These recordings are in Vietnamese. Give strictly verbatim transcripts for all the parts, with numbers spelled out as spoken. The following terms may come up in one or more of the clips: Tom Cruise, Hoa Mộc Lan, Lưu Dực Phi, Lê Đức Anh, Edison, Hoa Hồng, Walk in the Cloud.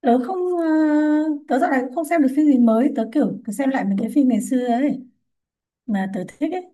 tớ không ờ, Tớ dạo này cũng không xem được phim gì mới. Tớ kiểu cứ xem lại mấy cái phim ngày xưa ấy mà tớ thích ấy.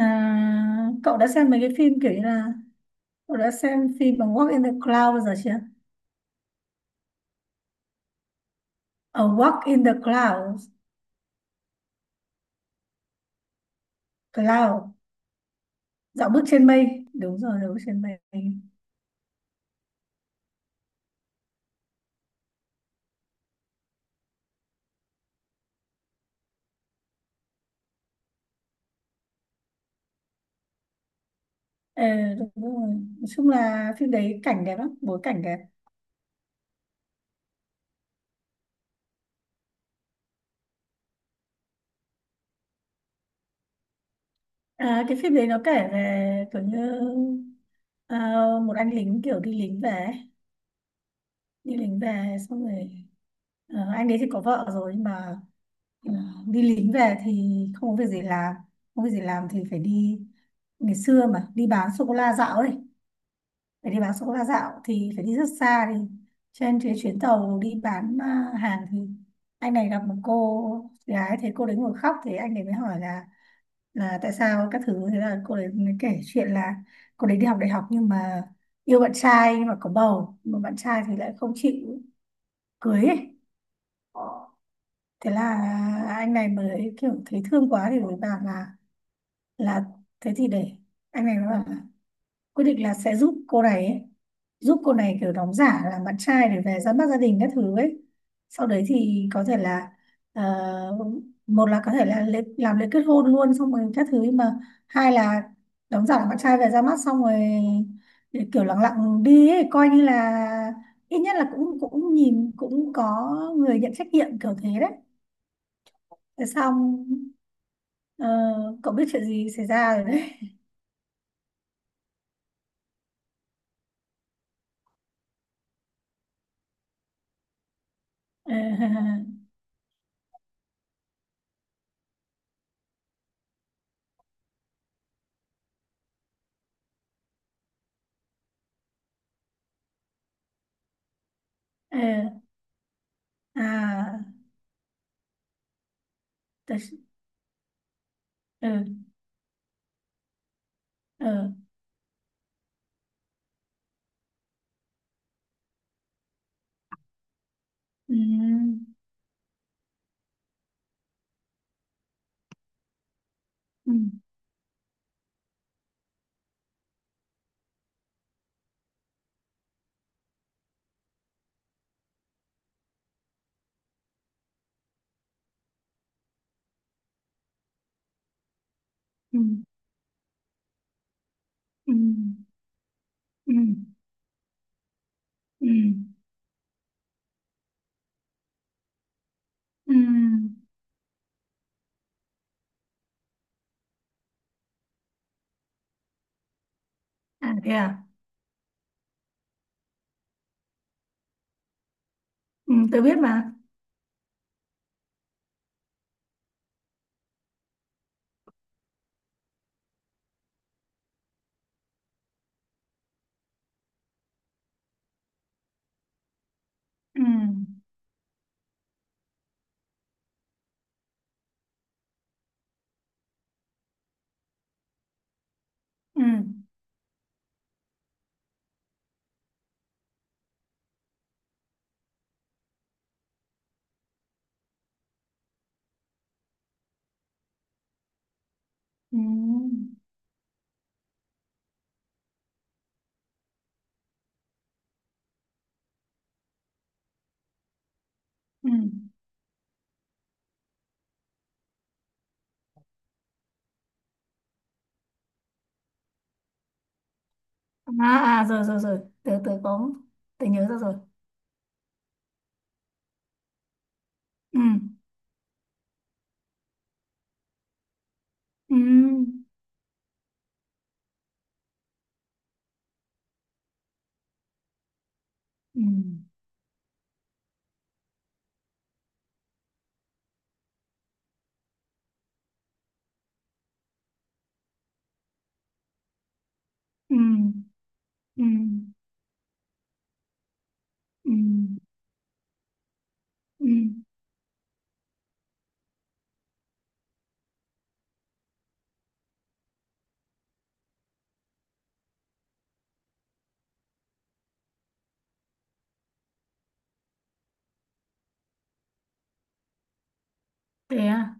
à, Cậu đã xem mấy cái phim kiểu như là, cậu đã xem phim bằng Walk in the Cloud bao giờ chưa? Ở Walk in the Cloud. Cloud. Dạo bước trên mây, đúng rồi, dạo bước trên mây. Ờ, Đúng rồi. Nói chung là phim đấy cảnh đẹp lắm, bối cảnh đẹp. À, cái phim đấy nó kể về kiểu như ờ, một anh lính kiểu đi lính về ấy. Đi lính về xong rồi, ờ, anh đấy thì có vợ rồi, nhưng mà ờ, đi lính về thì không có việc gì làm, không có việc gì làm thì phải đi. Ngày xưa mà đi bán sô cô la dạo ấy, phải đi bán sô cô la dạo thì phải đi rất xa, đi trên cái chuyến tàu đi bán à, hàng thì anh này gặp một cô gái, thấy cô đấy ngồi khóc thì anh này mới hỏi là là tại sao các thứ. Thế là cô đấy mới kể chuyện là cô đấy đi học đại học nhưng mà yêu bạn trai, nhưng mà có bầu mà bạn trai thì lại không chịu cưới ấy. Thế là anh này mới kiểu thấy thương quá thì mới bảo là là thế thì để, anh này nó bảo là quyết định là sẽ giúp cô này ấy, giúp cô này kiểu đóng giả là bạn trai để về ra mắt gia đình các thứ ấy. Sau đấy thì có thể là, ờ, một là có thể là lễ, làm lễ kết hôn luôn xong rồi các thứ, mà hai là đóng giả là bạn trai về ra mắt xong rồi để kiểu lặng lặng đi ấy, coi như là ít nhất là cũng cũng nhìn cũng có người nhận trách nhiệm kiểu thế đấy. Thế xong, ờ, cậu biết chuyện gì xảy ra rồi đấy. ờ, à tớ- ừ. ờ ừ ừ ừ ừ ừ ừ ừ à thế à. Ừ, tôi biết mà. Ừ ừ ừ ừ à, à rồi rồi rồi tớ tớ có, tớ nhớ ra rồi. Ừ ừ ừ ừ ừ ừ ừ thế à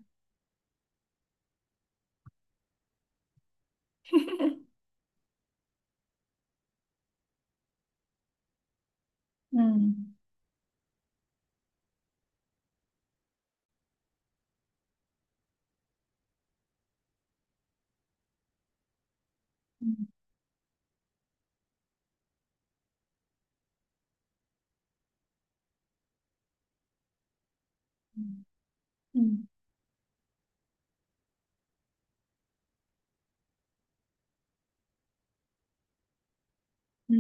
ừ ừ ừ ừ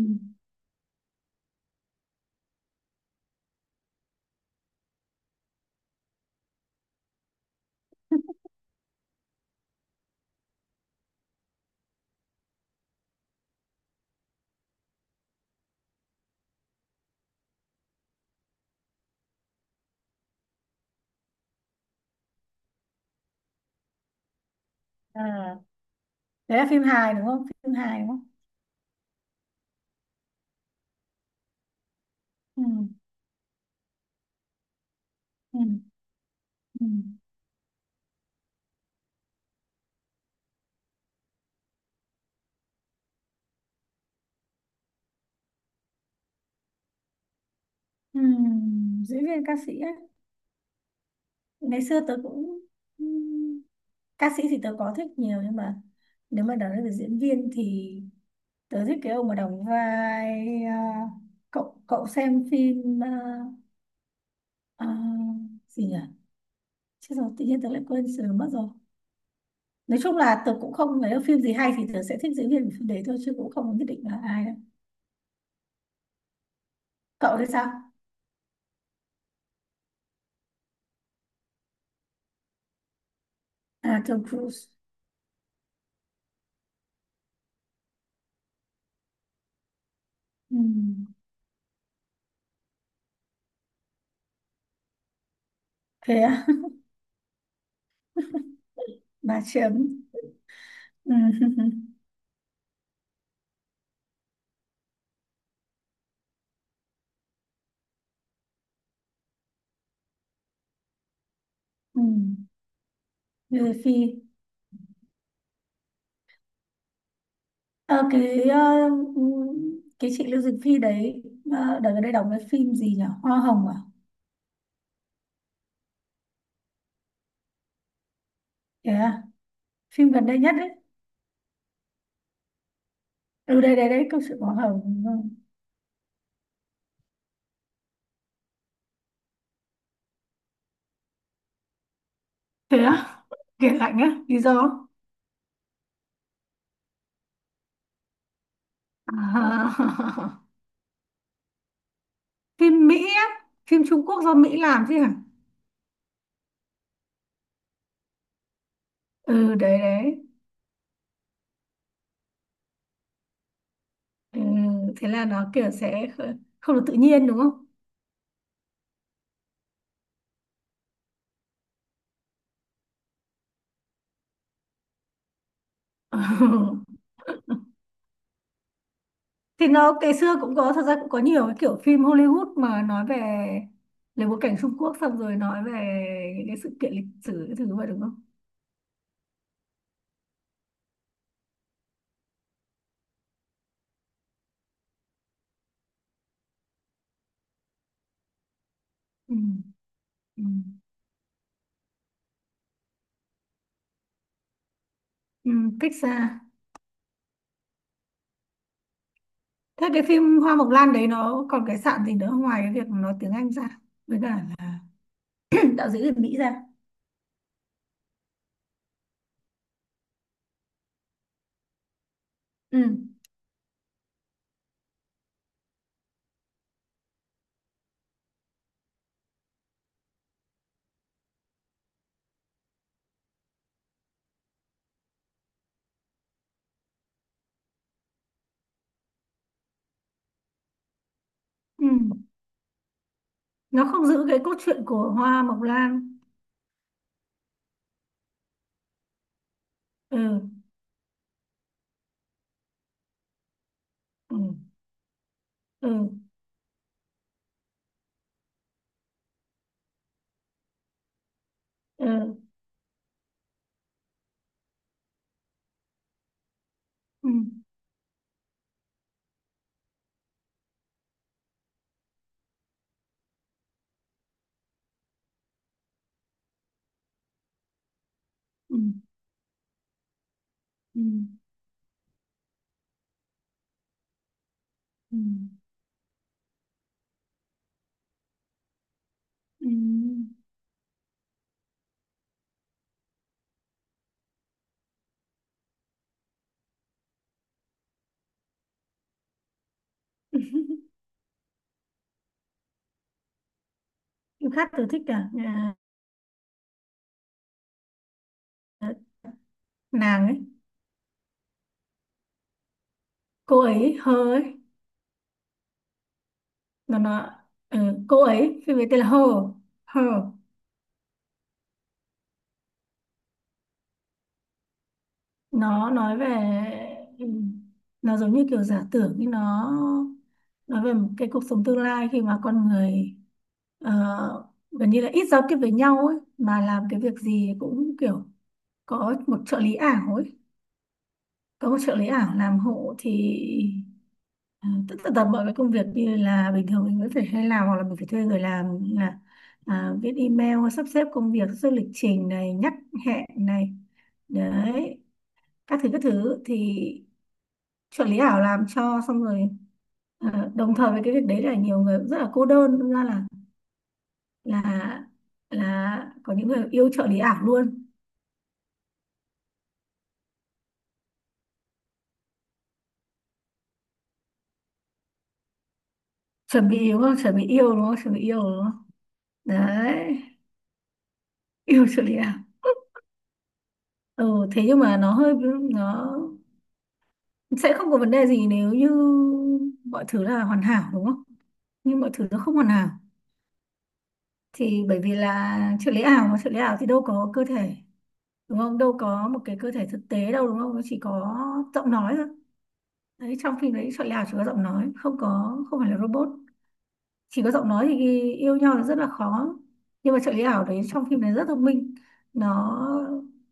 à đấy là phim hài đúng không, phim hài đúng không? Ừ ừ ừ ừ diễn viên ca sĩ á. Ngày xưa tớ cũng ừm, ca sĩ thì tớ có thích nhiều, nhưng mà nếu mà nói về diễn viên thì tớ thích cái ông mà đóng vai, à, cậu cậu xem phim à, à, gì nhỉ, chứ rồi tự nhiên tớ lại quên sự mất rồi. Nói chung là tớ cũng không thấy phim gì hay thì tớ sẽ thích diễn viên của phim đấy thôi, chứ cũng không nhất định là ai đâu. Cậu thì sao? À, Tom Cruise. Ừm, thế à? bà Trâm. Ừm, ừm, Như Phi. Ờ, cái ờ, cái chị Lưu Dực Phi đấy, ờ, đợt gần đây đóng cái phim gì nhỉ, Hoa Hồng à? Thế à? Phim gần đây nhất đấy. Ừ, đây đây đấy, câu chuyện Hoa Hồng, ừ. Thế á? Kể lạnh á? Lý do? À, Phim Mỹ á? Phim Trung Quốc do Mỹ làm chứ hả? Ừ, đấy đấy. Ừ, thế là nó kiểu sẽ kh- không được tự nhiên đúng không? Thì nó ngày xưa cũng có, thật ra cũng có nhiều cái kiểu phim Hollywood mà nói về, lấy bối cảnh Trung Quốc xong rồi nói về những cái sự kiện lịch sử cái thứ vậy đúng không? Ừ. Ừ. Ừ. Cách xa. Thế cái phim Hoa Mộc Lan đấy nó còn cái sạn gì nữa, ngoài cái việc nó tiếng Anh ra với cả là đạo diễn người Mỹ ra? Ừ. Ừ. Nó không giữ cái cốt truyện của Hoa Mộc Lan. Ừ ừ ừ ừ ừ ừ ừ, ừ. ừ. Khát tôi thích cả. À, nàng ấy, cô ấy hơ ấy, nó nó ừ, cô ấy phim ấy tên là hơ, hơ. Nó nói về, ừ, nó giống như kiểu giả tưởng, nhưng nó nói về một cái cuộc sống tương lai khi mà con người ờ, gần như là ít giao tiếp với nhau ấy, mà làm cái việc gì cũng kiểu có một trợ lý ảo ấy, có một trợ lý ảo làm hộ thì, Ờ, tất, tất cả mọi cái công việc như là bình thường mình vẫn phải hay làm hoặc là mình phải thuê người làm, như là à, viết email, sắp xếp công việc, sắp xếp lịch trình này, nhắc hẹn này, đấy các thứ các thứ thì trợ lý ảo làm cho xong rồi. Ờ, đồng thời với cái việc đấy là nhiều người cũng rất là cô đơn. Đâm ra là là là có những người yêu trợ lý ảo luôn. Chuẩn bị yêu đúng không, chuẩn bị yêu đúng không, chuẩn bị yêu đúng không? Đấy yêu trợ lý ảo. Ừ, thế nhưng mà nó hơi, nó sẽ không có vấn đề gì nếu như mọi thứ là hoàn hảo đúng không? Nhưng mọi thứ nó không hoàn hảo thì, bởi vì là trợ lý ảo, mà trợ lý ảo thì đâu có cơ thể đúng không, đâu có một cái cơ thể thực tế đâu đúng không, nó chỉ có giọng nói thôi. Đấy trong phim đấy trợ lý ảo chỉ có giọng nói, không có, không phải là robot, chỉ có giọng nói thì yêu nhau là rất là khó. Nhưng mà trợ lý ảo đấy trong phim đấy rất thông minh, nó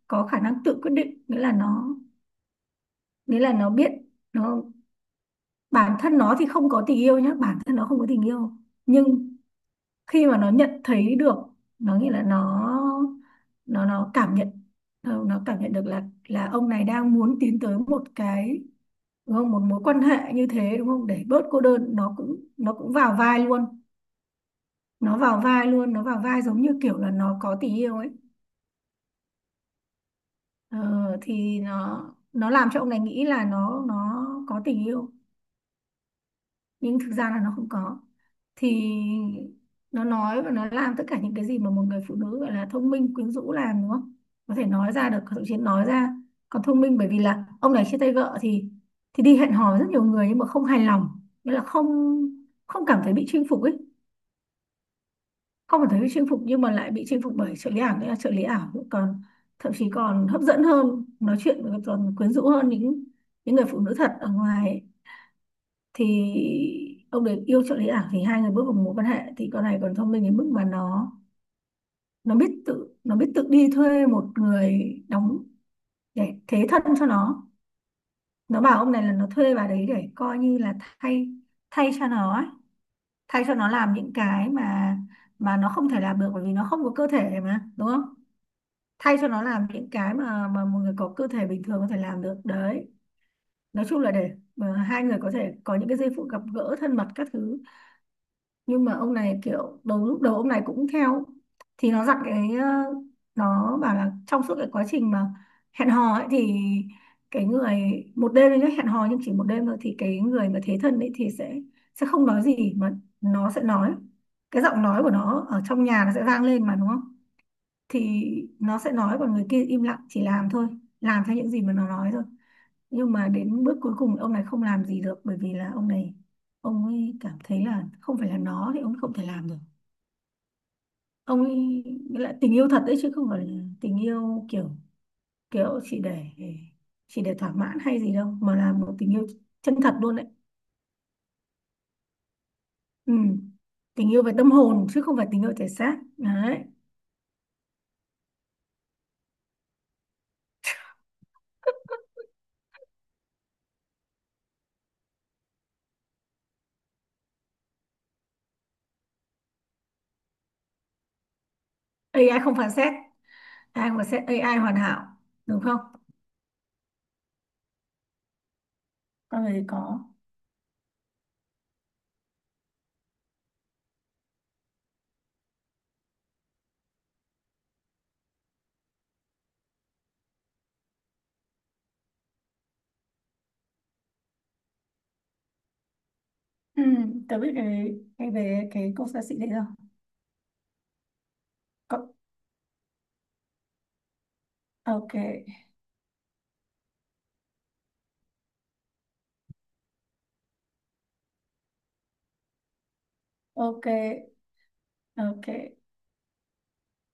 có khả năng tự quyết định, nghĩa là nó, nghĩa là nó biết, nó bản thân nó thì không có tình yêu nhá, bản thân nó không có tình yêu. Nhưng khi mà nó nhận thấy được, nó nghĩa là nó, nó nó cảm nhận, nó nó cảm nhận được là là ông này đang muốn tiến tới một cái, đúng không, một mối quan hệ như thế đúng không, để bớt cô đơn, nó cũng, nó cũng vào vai luôn. Nó vào vai luôn, nó vào vai giống như kiểu là nó có tình yêu ấy. ờ, thì nó nó làm cho ông này nghĩ là nó nó có tình yêu, nhưng thực ra là nó không có. Thì nó nói và nó làm tất cả những cái gì mà một người phụ nữ gọi là thông minh quyến rũ làm đúng không, có thể nói ra được, thậm chí nói ra còn thông minh. Bởi vì là ông này chia tay vợ thì thì đi hẹn hò với rất nhiều người nhưng mà không hài lòng, nghĩa là không, không cảm thấy bị chinh phục ấy. Không cảm thấy bị chinh phục nhưng mà lại bị chinh phục bởi trợ lý ảo, nghĩa là trợ lý ảo còn, thậm chí còn hấp dẫn hơn, nói chuyện còn quyến rũ hơn những những người phụ nữ thật ở ngoài ấy. Thì ông đấy yêu trợ lý ảo, thì hai người bước vào mối quan hệ thì con này còn thông minh đến mức mà nó nó biết tự, nó biết tự đi thuê một người đóng để thế thân cho nó. Nó bảo ông này là nó thuê bà đấy để coi như là thay, thay cho nó ấy. Thay cho nó làm những cái mà mà nó không thể làm được bởi vì nó không có cơ thể mà đúng không, thay cho nó làm những cái mà mà một người có cơ thể bình thường có thể làm được đấy. Nói chung là để mà hai người có thể có những cái giây phút gặp gỡ thân mật các thứ. Nhưng mà ông này kiểu đầu, lúc đầu ông này cũng theo, thì nó dặn cái ờ, nó bảo là trong suốt cái quá trình mà hẹn hò ấy thì, cái người, một đêm đấy nhá, hẹn hò nhưng chỉ một đêm thôi, thì cái người mà thế thân ấy thì sẽ sẽ không nói gì, mà nó sẽ nói, cái giọng nói của nó ở trong nhà nó sẽ vang lên mà đúng không, thì nó sẽ nói, còn người kia im lặng chỉ làm thôi, làm theo những gì mà nó nói thôi. Nhưng mà đến bước cuối cùng ông này không làm gì được, bởi vì là ông này, ông ấy cảm thấy là không phải là nó thì ông ấy không thể làm được. Ông ấy lại tình yêu thật đấy, chứ không phải là tình yêu kiểu, kiểu chỉ để, chỉ để thỏa mãn hay gì đâu, mà là một tình yêu chân thật luôn đấy. Ừ. Tình yêu về tâm hồn chứ không phải tình yêu thể xác đấy. a i không phán xét, ai mà xét a i hoàn hảo, đúng không? Con người thì có. Ừ, tớ biết cái, cái về cái cô xa sĩ đấy rồi. Có- ok. Ok ok.